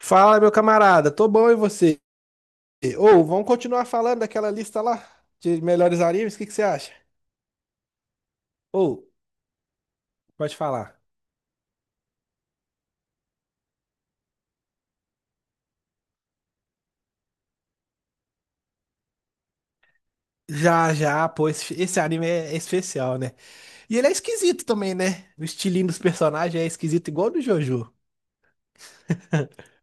Fala, meu camarada, tô bom e você? Ou vamos continuar falando daquela lista lá de melhores animes? O que que você acha? Ou pode falar. Já, já, pô, esse anime é especial, né? E ele é esquisito também, né? O estilinho dos personagens é esquisito, igual o do Jojo.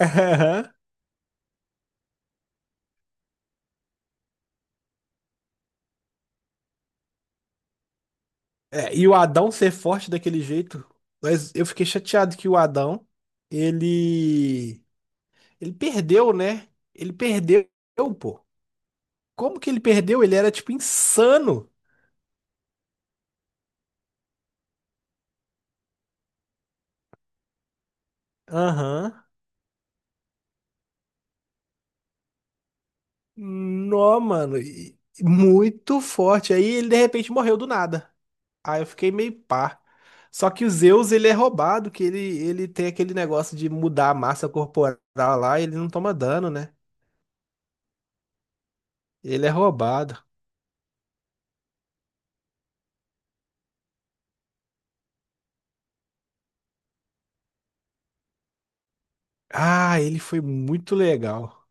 Aham. É, e o Adão ser forte daquele jeito, mas eu fiquei chateado que o Adão, ele, ele perdeu, né? Ele perdeu, pô. Como que ele perdeu? Ele era, tipo, insano. Aham. Nó, mano, e muito forte. Aí ele de repente morreu do nada. Aí eu fiquei meio pá. Só que o Zeus, ele é roubado, que ele tem aquele negócio de mudar a massa corporal lá, e ele não toma dano, né? Ele é roubado. Ah, ele foi muito legal.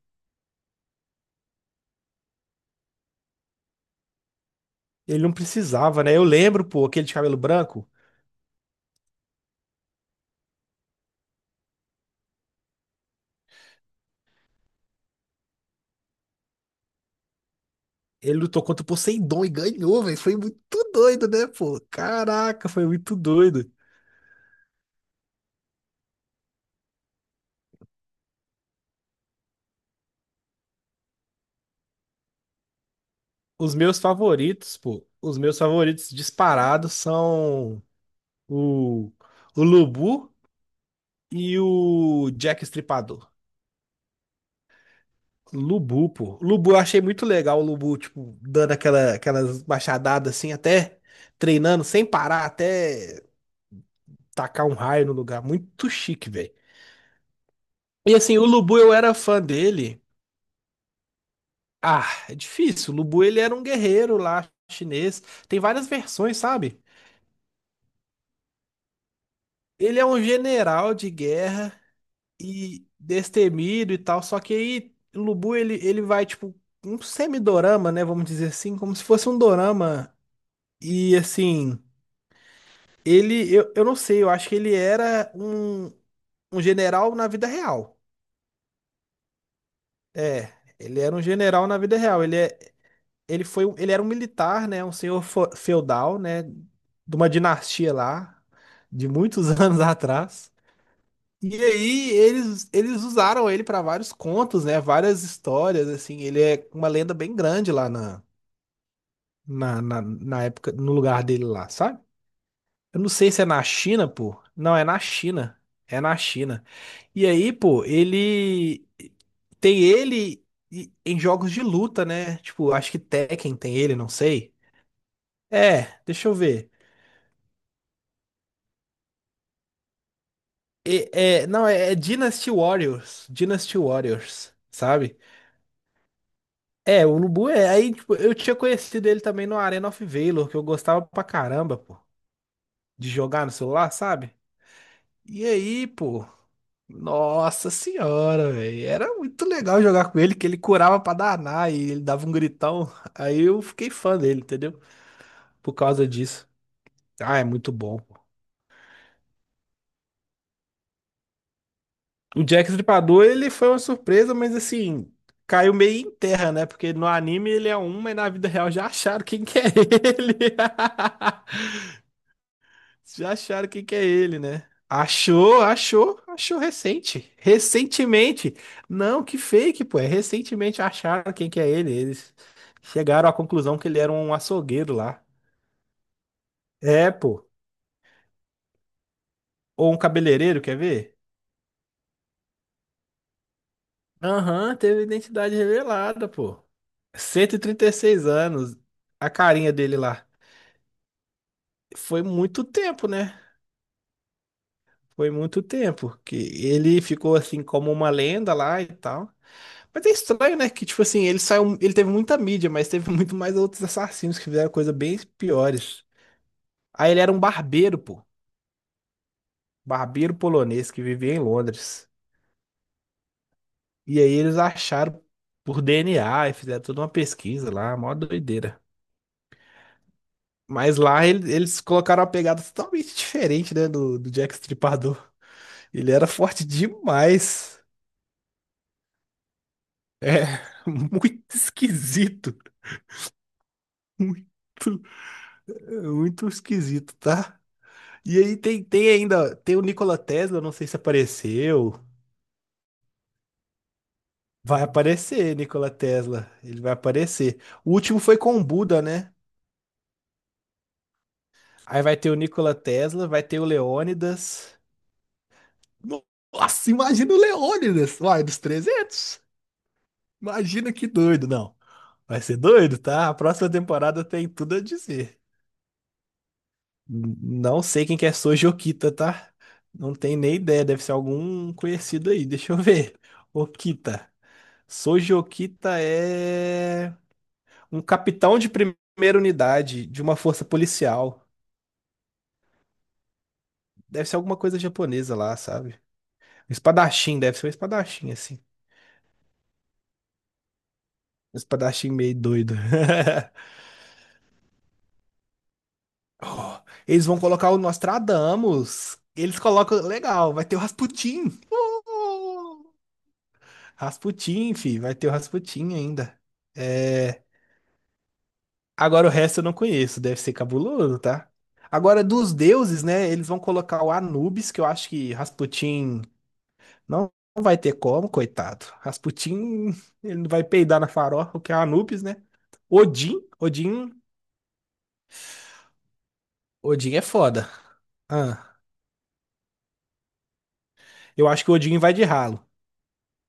Ele não precisava, né? Eu lembro, pô, aquele de cabelo branco. Ele lutou contra o Poseidon e ganhou, velho. Foi muito doido, né, pô? Caraca, foi muito doido. Os meus favoritos, pô, os meus favoritos disparados são O, o Lubu e o Jack Estripador. Lubu, pô. Lubu, eu achei muito legal o Lubu, tipo, dando aquela, aquelas machadadas assim, até treinando sem parar, até tacar um raio no lugar. Muito chique, velho. E assim, o Lubu eu era fã dele. Ah, é difícil. O Lubu ele era um guerreiro lá chinês. Tem várias versões, sabe? Ele é um general de guerra e destemido e tal. Só que aí Lubu ele vai tipo um semidorama, né? Vamos dizer assim, como se fosse um dorama. E assim, ele eu não sei, eu acho que ele era um general na vida real. É, ele era um general na vida real. Ele é, ele foi um- ele era um militar, né? Um senhor feudal, né? De uma dinastia lá de muitos anos atrás. E aí eles usaram ele para vários contos, né? Várias histórias, assim. Ele é uma lenda bem grande lá na época, no lugar dele lá, sabe? Eu não sei se é na China, pô. Não, é na China. É na China. E aí, pô, ele tem ele em jogos de luta, né? Tipo, acho que Tekken tem ele, não sei. É, deixa eu ver. É, não, é Dynasty Warriors. Dynasty Warriors, sabe? É, o Lubu é. Aí, tipo, eu tinha conhecido ele também no Arena of Valor, que eu gostava pra caramba, pô, de jogar no celular, sabe? E aí, pô, nossa senhora, velho. Era muito legal jogar com ele, que ele curava pra danar e ele dava um gritão. Aí eu fiquei fã dele, entendeu? Por causa disso. Ah, é muito bom, pô. O Jack Stripador, ele foi uma surpresa, mas assim, caiu meio em terra, né? Porque no anime ele é um, mas na vida real já acharam quem que é ele. Já acharam quem que é ele, né? Achou, achou, achou recente. Recentemente. Não, que fake, pô. É recentemente acharam quem que é ele. Eles chegaram à conclusão que ele era um açougueiro lá. É, pô. Ou um cabeleireiro, quer ver? Aham, teve identidade revelada, pô. Cento e trinta e seis anos. A carinha dele lá. Foi muito tempo, né? Foi muito tempo que ele ficou assim como uma lenda lá e tal. Mas é estranho, né? Que, tipo assim, ele saiu, ele teve muita mídia, mas teve muito mais outros assassinos que fizeram coisas bem piores. Aí ele era um barbeiro, pô. Barbeiro polonês que vivia em Londres. E aí eles acharam por DNA e fizeram toda uma pesquisa lá, mó doideira. Mas lá eles colocaram uma pegada totalmente diferente, né, do Jack Stripador. Ele era forte demais. É, muito esquisito. Muito, muito esquisito, tá? E aí tem ainda, tem o Nikola Tesla, não sei se apareceu. Vai aparecer, Nikola Tesla. Ele vai aparecer. O último foi com o Buda, né? Aí vai ter o Nikola Tesla, vai ter o Leônidas. Nossa, imagina o Leônidas, vai, dos 300. Imagina que doido, não. Vai ser doido, tá? A próxima temporada tem tudo a dizer. Não sei quem que é Soji Okita, tá? Não tenho nem ideia, deve ser algum conhecido aí. Deixa eu ver. Okita. Soji Okita é um capitão de primeira unidade de uma força policial. Deve ser alguma coisa japonesa lá, sabe? Um espadachim, deve ser um espadachim, assim. Um espadachim meio doido. Oh, eles vão colocar o Nostradamus. Eles colocam. Legal, vai ter o Rasputin. Rasputin, vai ter o Rasputin ainda. É, agora o resto eu não conheço, deve ser cabuloso, tá? Agora dos deuses, né? Eles vão colocar o Anubis, que eu acho que Rasputin não vai ter como, coitado. Rasputin, ele não vai peidar na farofa, o que é Anubis, né? Odin, Odin, Odin é foda. Ah, eu acho que o Odin vai de ralo.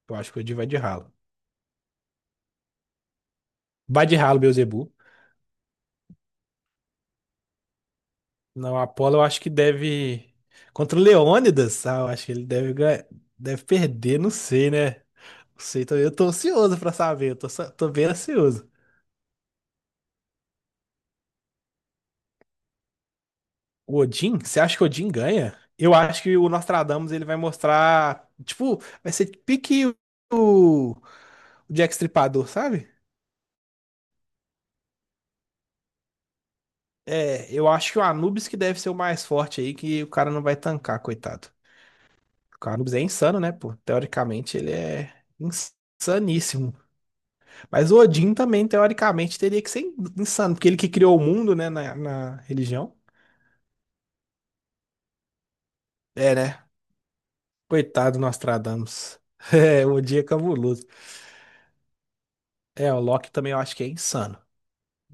Eu acho que o Odin vai de ralo. Vai de ralo, Beelzebub. Não, Apolo eu acho que deve. Contra o Leônidas, ah, eu acho que ele deve ganhar. Deve perder, não sei, né? Não sei, eu tô ansioso pra saber. Eu tô bem ansioso. O Odin? Você acha que o Odin ganha? Eu acho que o Nostradamus ele vai mostrar. Tipo, vai ser pique o Jack Stripador, sabe? É, eu acho que o Anubis que deve ser o mais forte aí, que o cara não vai tancar, coitado. O Anubis é insano, né, pô? Teoricamente ele é insaníssimo. Mas o Odin também, teoricamente, teria que ser insano, porque ele que criou o mundo, né, na religião. É, né? Coitado do Nostradamus. É, o Odin é cabuloso. É, o Loki também eu acho que é insano.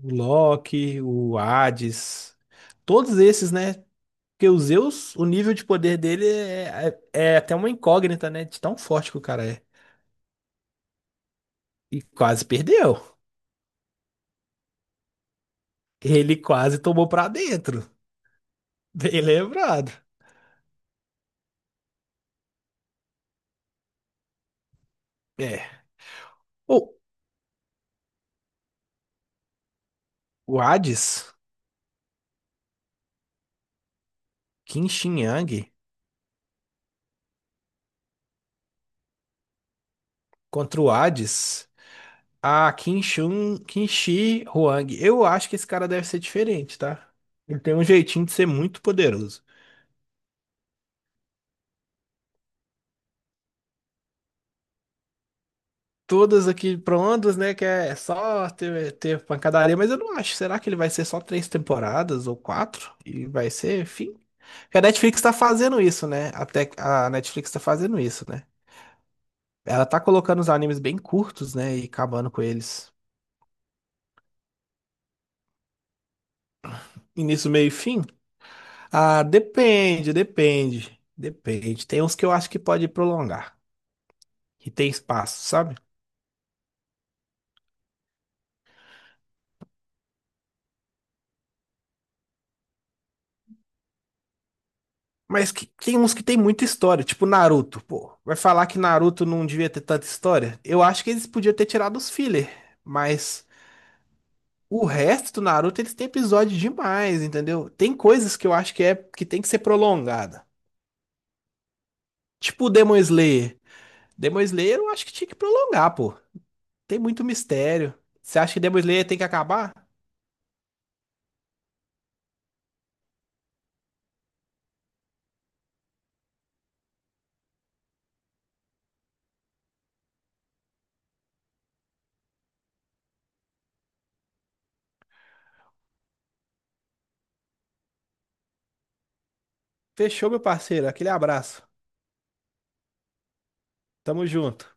O Loki, o Hades, todos esses, né? Porque o Zeus, o nível de poder dele é até uma incógnita, né? De tão forte que o cara é. E quase perdeu. Ele quase tomou pra dentro. Bem lembrado. É. Ou o Hades, Qin Shi Yang, contra o Hades, a Qin Shi Huang. Eu acho que esse cara deve ser diferente, tá? Ele tem um jeitinho de ser muito poderoso. Todas aqui para ondas, né? Que é só ter pancadaria, mas eu não acho. Será que ele vai ser só três temporadas ou quatro? E vai ser fim? Porque a Netflix tá fazendo isso, né? Até a Netflix tá fazendo isso, né? Ela tá colocando os animes bem curtos, né? E acabando com eles. Início, meio e fim? Ah, depende, depende. Depende. Tem uns que eu acho que pode prolongar. Que tem espaço, sabe? Mas tem uns que tem muita história, tipo Naruto, pô. Vai falar que Naruto não devia ter tanta história? Eu acho que eles podiam ter tirado os filler, mas o resto do Naruto eles têm episódio demais, entendeu? Tem coisas que eu acho que é que tem que ser prolongada. Tipo o Demon Slayer. Demon Slayer eu acho que tinha que prolongar, pô. Tem muito mistério. Você acha que Demon Slayer tem que acabar? Fechou, meu parceiro. Aquele abraço. Tamo junto.